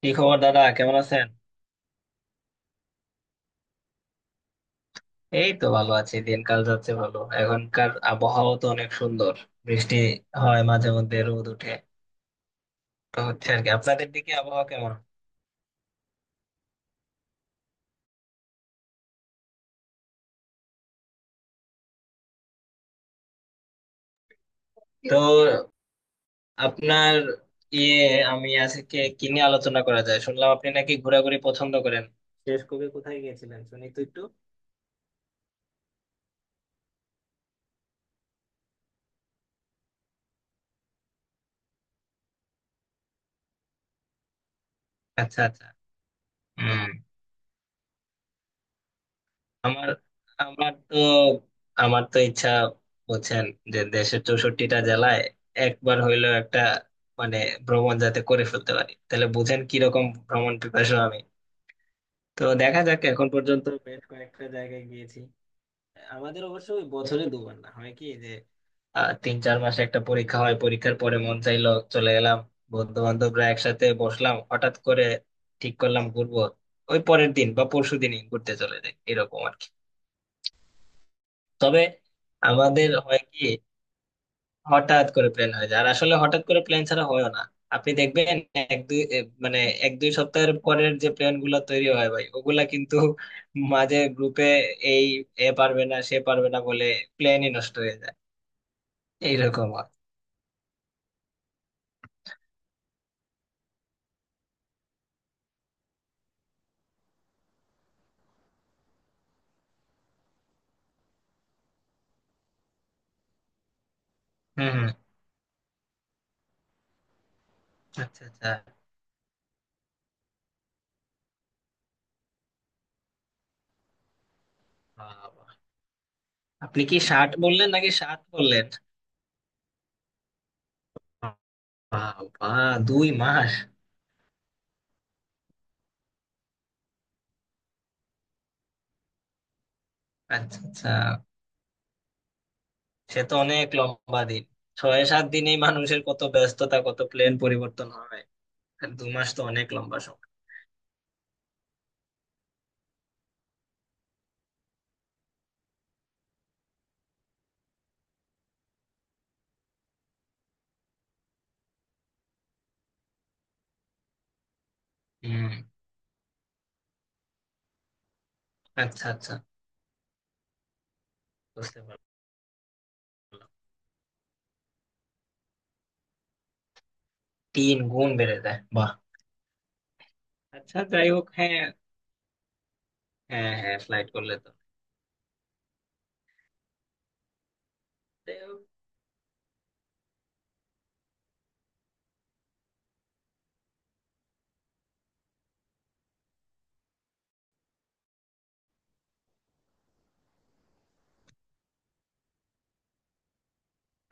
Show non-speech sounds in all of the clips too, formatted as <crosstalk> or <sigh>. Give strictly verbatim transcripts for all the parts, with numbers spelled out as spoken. কি খবর দাদা, কেমন আছেন? এই তো ভালো আছি। দিনকাল যাচ্ছে ভালো। এখনকার আবহাওয়া তো অনেক সুন্দর। বৃষ্টি হয়, মাঝে মধ্যে রোদ উঠে, তো হচ্ছে আর কি। আপনাদের দিকে আবহাওয়া কেমন? তো আপনার ইয়ে আমি আজকে কি নিয়ে আলোচনা করা যায়, শুনলাম আপনি নাকি ঘোরাঘুরি পছন্দ করেন। শেষ কবে কোথায় গিয়েছিলেন, শুনি তো একটু। আচ্ছা আচ্ছা। হম। আমার আমার তো আমার তো ইচ্ছা, বলছেন যে দেশের চৌষট্টিটা জেলায় একবার হইলেও একটা মানে ভ্রমণ যাতে করে ফেলতে পারি, তাহলে বুঝেন কিরকম ভ্রমণ পিপাসু আমি। তো দেখা যাক, এখন পর্যন্ত বেশ কয়েকটা জায়গায় গিয়েছি। আমাদের অবশ্য ওই বছরে দুবার, না হয় কি যে, আহ, তিন চার মাসে একটা পরীক্ষা হয়, পরীক্ষার পরে মন চাইলো চলে এলাম। বন্ধু বান্ধবরা একসাথে বসলাম, হঠাৎ করে ঠিক করলাম ঘুরবো, ওই পরের দিন বা পরশু দিনই ঘুরতে চলে যাই, এরকম আর কি। তবে আমাদের হয় কি, হঠাৎ করে প্ল্যান হয়ে যায়, আর আসলে হঠাৎ করে প্ল্যান ছাড়া হয় না। আপনি দেখবেন এক দুই এ, মানে এক দুই সপ্তাহের পরের যে প্ল্যান গুলো তৈরি হয় ভাই, ওগুলা কিন্তু <laughs> মাঝে গ্রুপে এই এ পারবে না সে পারবে না বলে প্ল্যানই নষ্ট হয়ে যায়। এইরকম হয়। হম হম। আচ্ছা আচ্ছা। বাবা। আপনি কি ষাট বললেন নাকি ষাট বললেন? বাবা, দুই মাস। আচ্ছা আচ্ছা, সে তো অনেক লম্বা দিন। ছয় সাত দিনেই মানুষের কত ব্যস্ততা, কত প্লেন পরিবর্তন হয়, আর দু মাস তো অনেক লম্বা সময়। হম। আচ্ছা আচ্ছা, বুঝতে পারলাম। তিন গুণ বেড়ে যায়, বাহ। আচ্ছা, যাই হোক। হ্যাঁ হ্যাঁ হ্যাঁ, ফ্লাইট করলে তো। যাই হোক,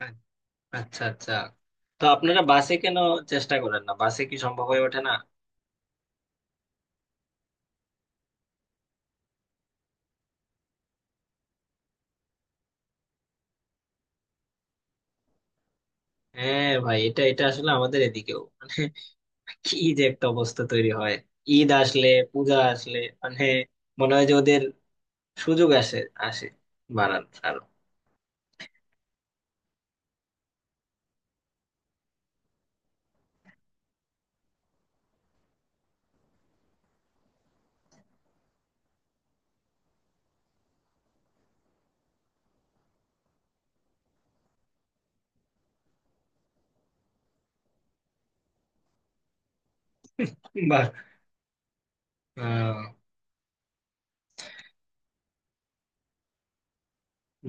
আ- আচ্ছা আচ্ছা, তো আপনারা বাসে কেন চেষ্টা করেন না, বাসে কি সম্ভব হয়ে ওঠে না? হ্যাঁ ভাই, এটা এটা আসলে আমাদের এদিকেও মানে কি যে একটা অবস্থা তৈরি হয়, ঈদ আসলে, পূজা আসলে, মানে মনে হয় যে ওদের সুযোগ আসে, আসে বাড়ার আরো। বাহ। হম।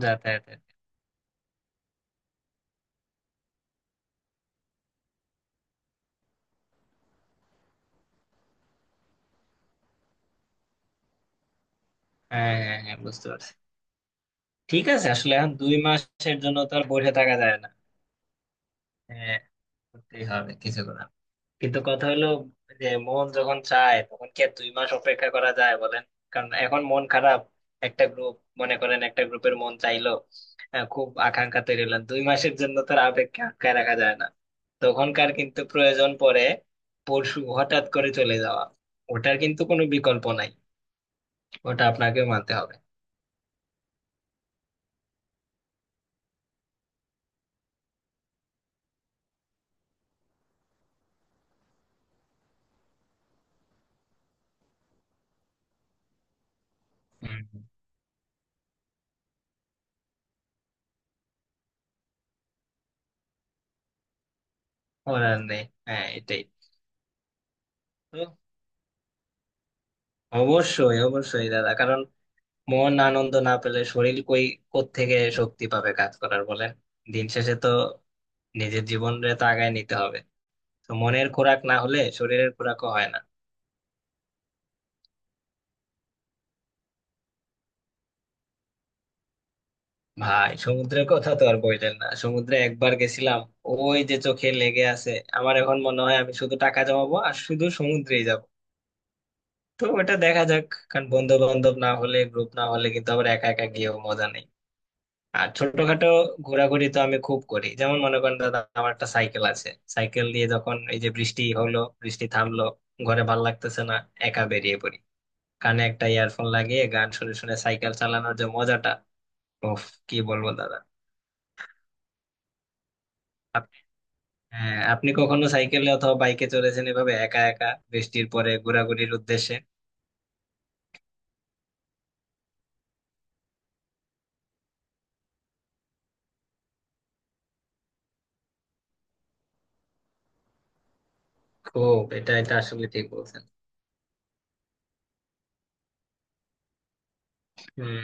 যাতায়াতের। হ্যাঁ হ্যাঁ হ্যাঁ, বুঝতে পারছি। ঠিক আছে, আসলে এখন দুই মাসের জন্য তো আর বসে থাকা যায় না। হ্যাঁ, করতেই হবে কিছু করে। কিন্তু কথা হলো, যে মন যখন চায় তখন কি আর দুই মাস অপেক্ষা করা যায় বলেন? কারণ এখন মন খারাপ, একটা গ্রুপ, মনে করেন একটা গ্রুপের মন চাইলো, আহ, খুব আকাঙ্ক্ষা তৈরি হলেন, দুই মাসের জন্য তো আর আবেগকে আটকায় রাখা যায় না। তখনকার কিন্তু প্রয়োজন পড়ে, পরশু হঠাৎ করে চলে যাওয়া। ওটার কিন্তু কোনো বিকল্প নাই, ওটা আপনাকেও মানতে হবে। হুম। করার নেই, হ্যাঁ এটাই। তো অবশ্যই অবশ্যই দাদা, কারণ মন আনন্দ না পেলে শরীর কই, কোত্থেকে শক্তি পাবে কাজ করার বলেন। দিন শেষে তো নিজের জীবনে তো আগায় নিতে হবে, তো মনের খোরাক না হলে শরীরের খোরাকও হয় না। ভাই, সমুদ্রের কথা তো আর বললেন না। সমুদ্রে একবার গেছিলাম, ওই যে চোখে লেগে আছে। আমার এখন মনে হয় আমি শুধু টাকা জমাবো আর শুধু সমুদ্রেই যাব, তো ওটা দেখা যাক। কারণ বন্ধু বান্ধব না হলে, গ্রুপ না হলে, কিন্তু আবার একা একা গিয়েও মজা নেই। আর ছোটখাটো ঘোরাঘুরি তো আমি খুব করি। যেমন মনে করেন দাদা, আমার একটা সাইকেল আছে, সাইকেল দিয়ে যখন এই যে বৃষ্টি হলো বৃষ্টি থামলো, ঘরে ভাল লাগতেছে না, একা বেরিয়ে পড়ি, কানে একটা ইয়ারফোন লাগিয়ে গান শুনে শুনে সাইকেল চালানোর যে মজাটা, ওফ, কি বলবো দাদা। আপ- হ্যাঁ, আপনি কখনো সাইকেলে অথবা বাইকে চড়েছেন এভাবে একা একা, বৃষ্টির পরে ঘোরাঘুরির উদ্দেশ্যে? খুব, এটা এটা আসলে ঠিক বলছেন। হুম।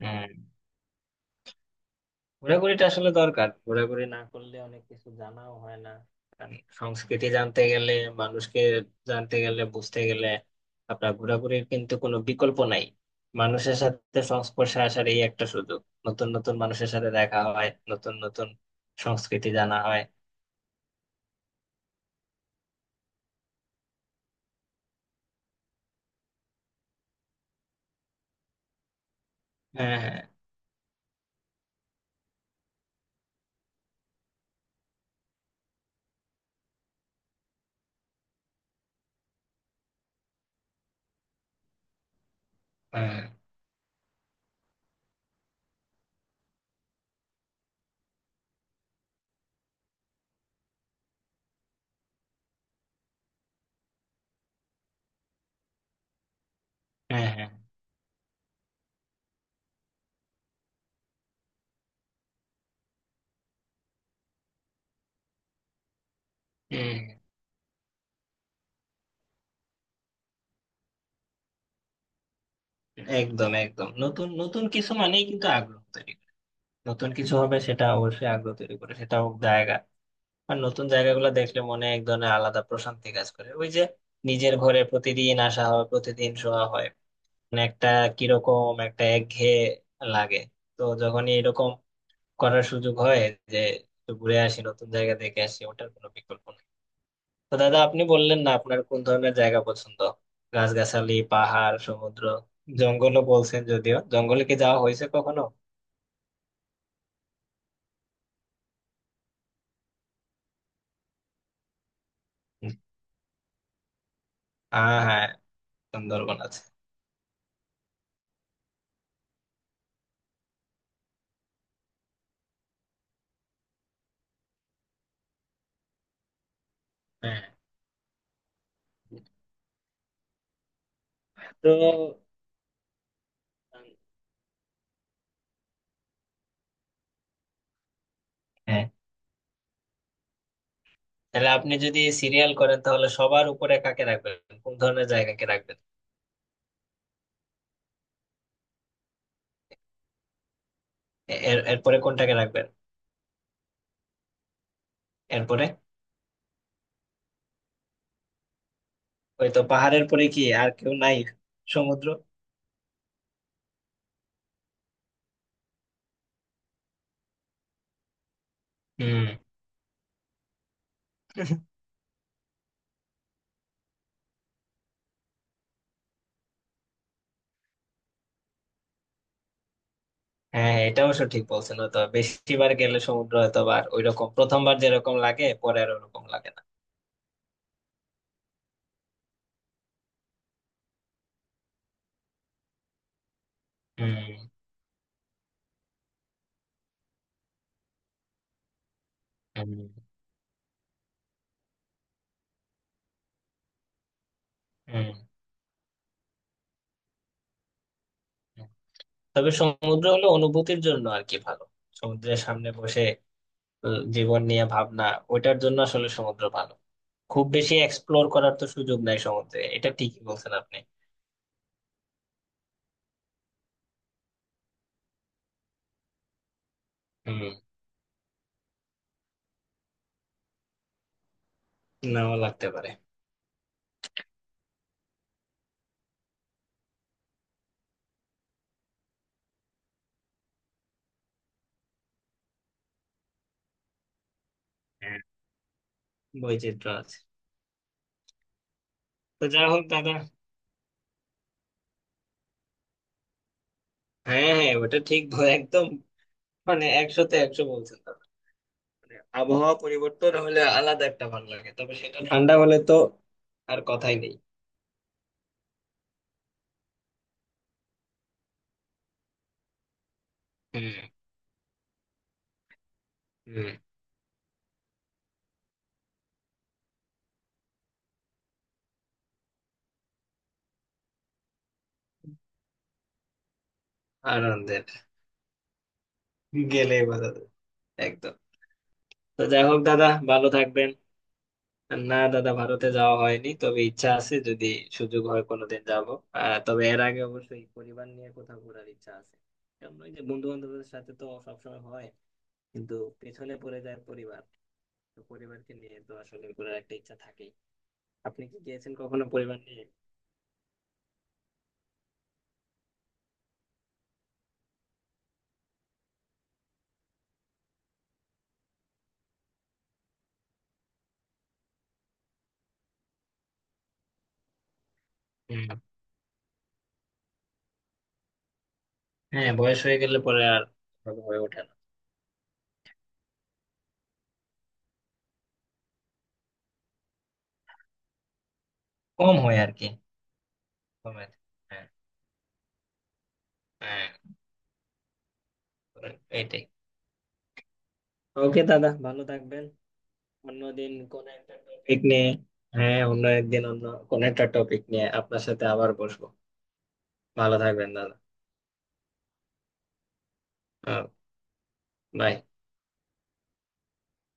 হুম। ঘোরাঘুরিটা আসলে দরকার, ঘোরাঘুরি না করলে অনেক কিছু জানাও হয় না। কারণ সংস্কৃতি জানতে গেলে, মানুষকে জানতে গেলে, বুঝতে গেলে, আপনার ঘোরাঘুরির কিন্তু কোনো বিকল্প নাই। মানুষের সাথে সংস্পর্শে আসার এই একটা সুযোগ, নতুন নতুন মানুষের সাথে দেখা হয়, নতুন নতুন সংস্কৃতি জানা হয়। হ্যাঁ হ্যাঁ। হ্যাঁ হ্যাঁ হ্যাঁ, হ্যাঁ, একদম একদম। নতুন নতুন কিছু মানেই কিন্তু আগ্রহ তৈরি করে। নতুন কিছু হবে, সেটা অবশ্যই আগ্রহ তৈরি করে, সেটা হোক জায়গা। আর নতুন জায়গাগুলো দেখলে মনে এক ধরনের আলাদা প্রশান্তি কাজ করে। ওই যে নিজের ঘরে প্রতিদিন আসা হয়, প্রতিদিন শোয়া হয়, মানে একটা কিরকম একটা একঘেয়ে লাগে। তো যখনই এরকম করার সুযোগ হয় যে একটু ঘুরে আসি, নতুন জায়গা দেখে আসি, ওটার কোনো বিকল্প নেই। তো দাদা, আপনি বললেন না আপনার কোন ধরনের জায়গা পছন্দ, গাছগাছালি, পাহাড়, সমুদ্র, জঙ্গলও বলছেন, যদিও জঙ্গলে কি যাওয়া হয়েছে কখনো? হ্যাঁ হ্যাঁ, সুন্দরবন আছে। হ্যাঁ। তো হ্যাঁ, তাহলে আপনি যদি সিরিয়াল করেন তাহলে সবার উপরে কাকে রাখবেন, কোন ধরনের জায়গাকে রাখবেন? এ- এর এরপরে কোনটাকে রাখবেন? এরপরে? ওই তো পাহাড়ের পরে কি আর কেউ নাই? সমুদ্র? হুম। হ্যাঁ হ্যাঁ, এটা অবশ্য ঠিক বলছেন। তো বেশিবার গেলে সমুদ্র হয়তো বা আর ওইরকম প্রথমবার যেরকম লাগে, পরে আর ওরকম লাগে না। হুম হুম। হুম। হুম। তবে সমুদ্র হলো অনুভূতির জন্য আর কি ভালো, সমুদ্রের সামনে বসে, আহ, জীবন নিয়ে ভাবনা, ওইটার জন্য আসলে সমুদ্র ভালো। খুব বেশি এক্সপ্লোর করার তো সুযোগ নাই সমুদ্রে, এটা ঠিকই বলছেন আপনি। হুম। নাও লাগতে পারে। হ্যাঁ, বৈচিত্র্য আছে। তো যা হোক দাদা। হ্যাঁ হ্যাঁ, ওটা ঠিক ব- একদম, মানে একশোতে একশো বলছেন দাদা। মানে আবহাওয়া পরিবর্তন হলে আলাদা একটা ভালো লাগে, তবে সেটা ঠান্ডা হলে তো আর কথাই নেই। হুম। হুম। আনন্দের, গেলেই বোঝা যায়। একদম। তো যাই হোক দাদা, ভালো থাকবেন। না দাদা, ভারতে যাওয়া হয়নি, তবে ইচ্ছা আছে, যদি সুযোগ হয় কোনোদিন যাব। আহ, তবে এর আগে অবশ্যই পরিবার নিয়ে কোথাও ঘোরার ইচ্ছা আছে। কারণ ওই যে, বন্ধু বান্ধবদের সাথে তো সবসময় হয়, কিন্তু পেছনে পড়ে যায় পরিবার। তো পরিবারকে নিয়ে তো আসলে ঘোরার একটা ইচ্ছা থাকেই। আপনি কি গিয়েছেন কখনো পরিবার নিয়ে? হুম। হ্যাঁ, বয়স হয়ে গেলে পরে আর ভালো হয়ে ওঠে না। কম হয় আর কি। কমে। হ্যাঁ হ্যাঁ, এটাই। ওকে দাদা, ভালো থাকবেন। অন্যদিন কোন একটা টপিক নিয়ে, হ্যাঁ অন্য একদিন অন্য কোন একটা টপিক নিয়ে আপনার সাথে আবার বসবো। ভালো থাকবেন দাদা। আহ, বাই।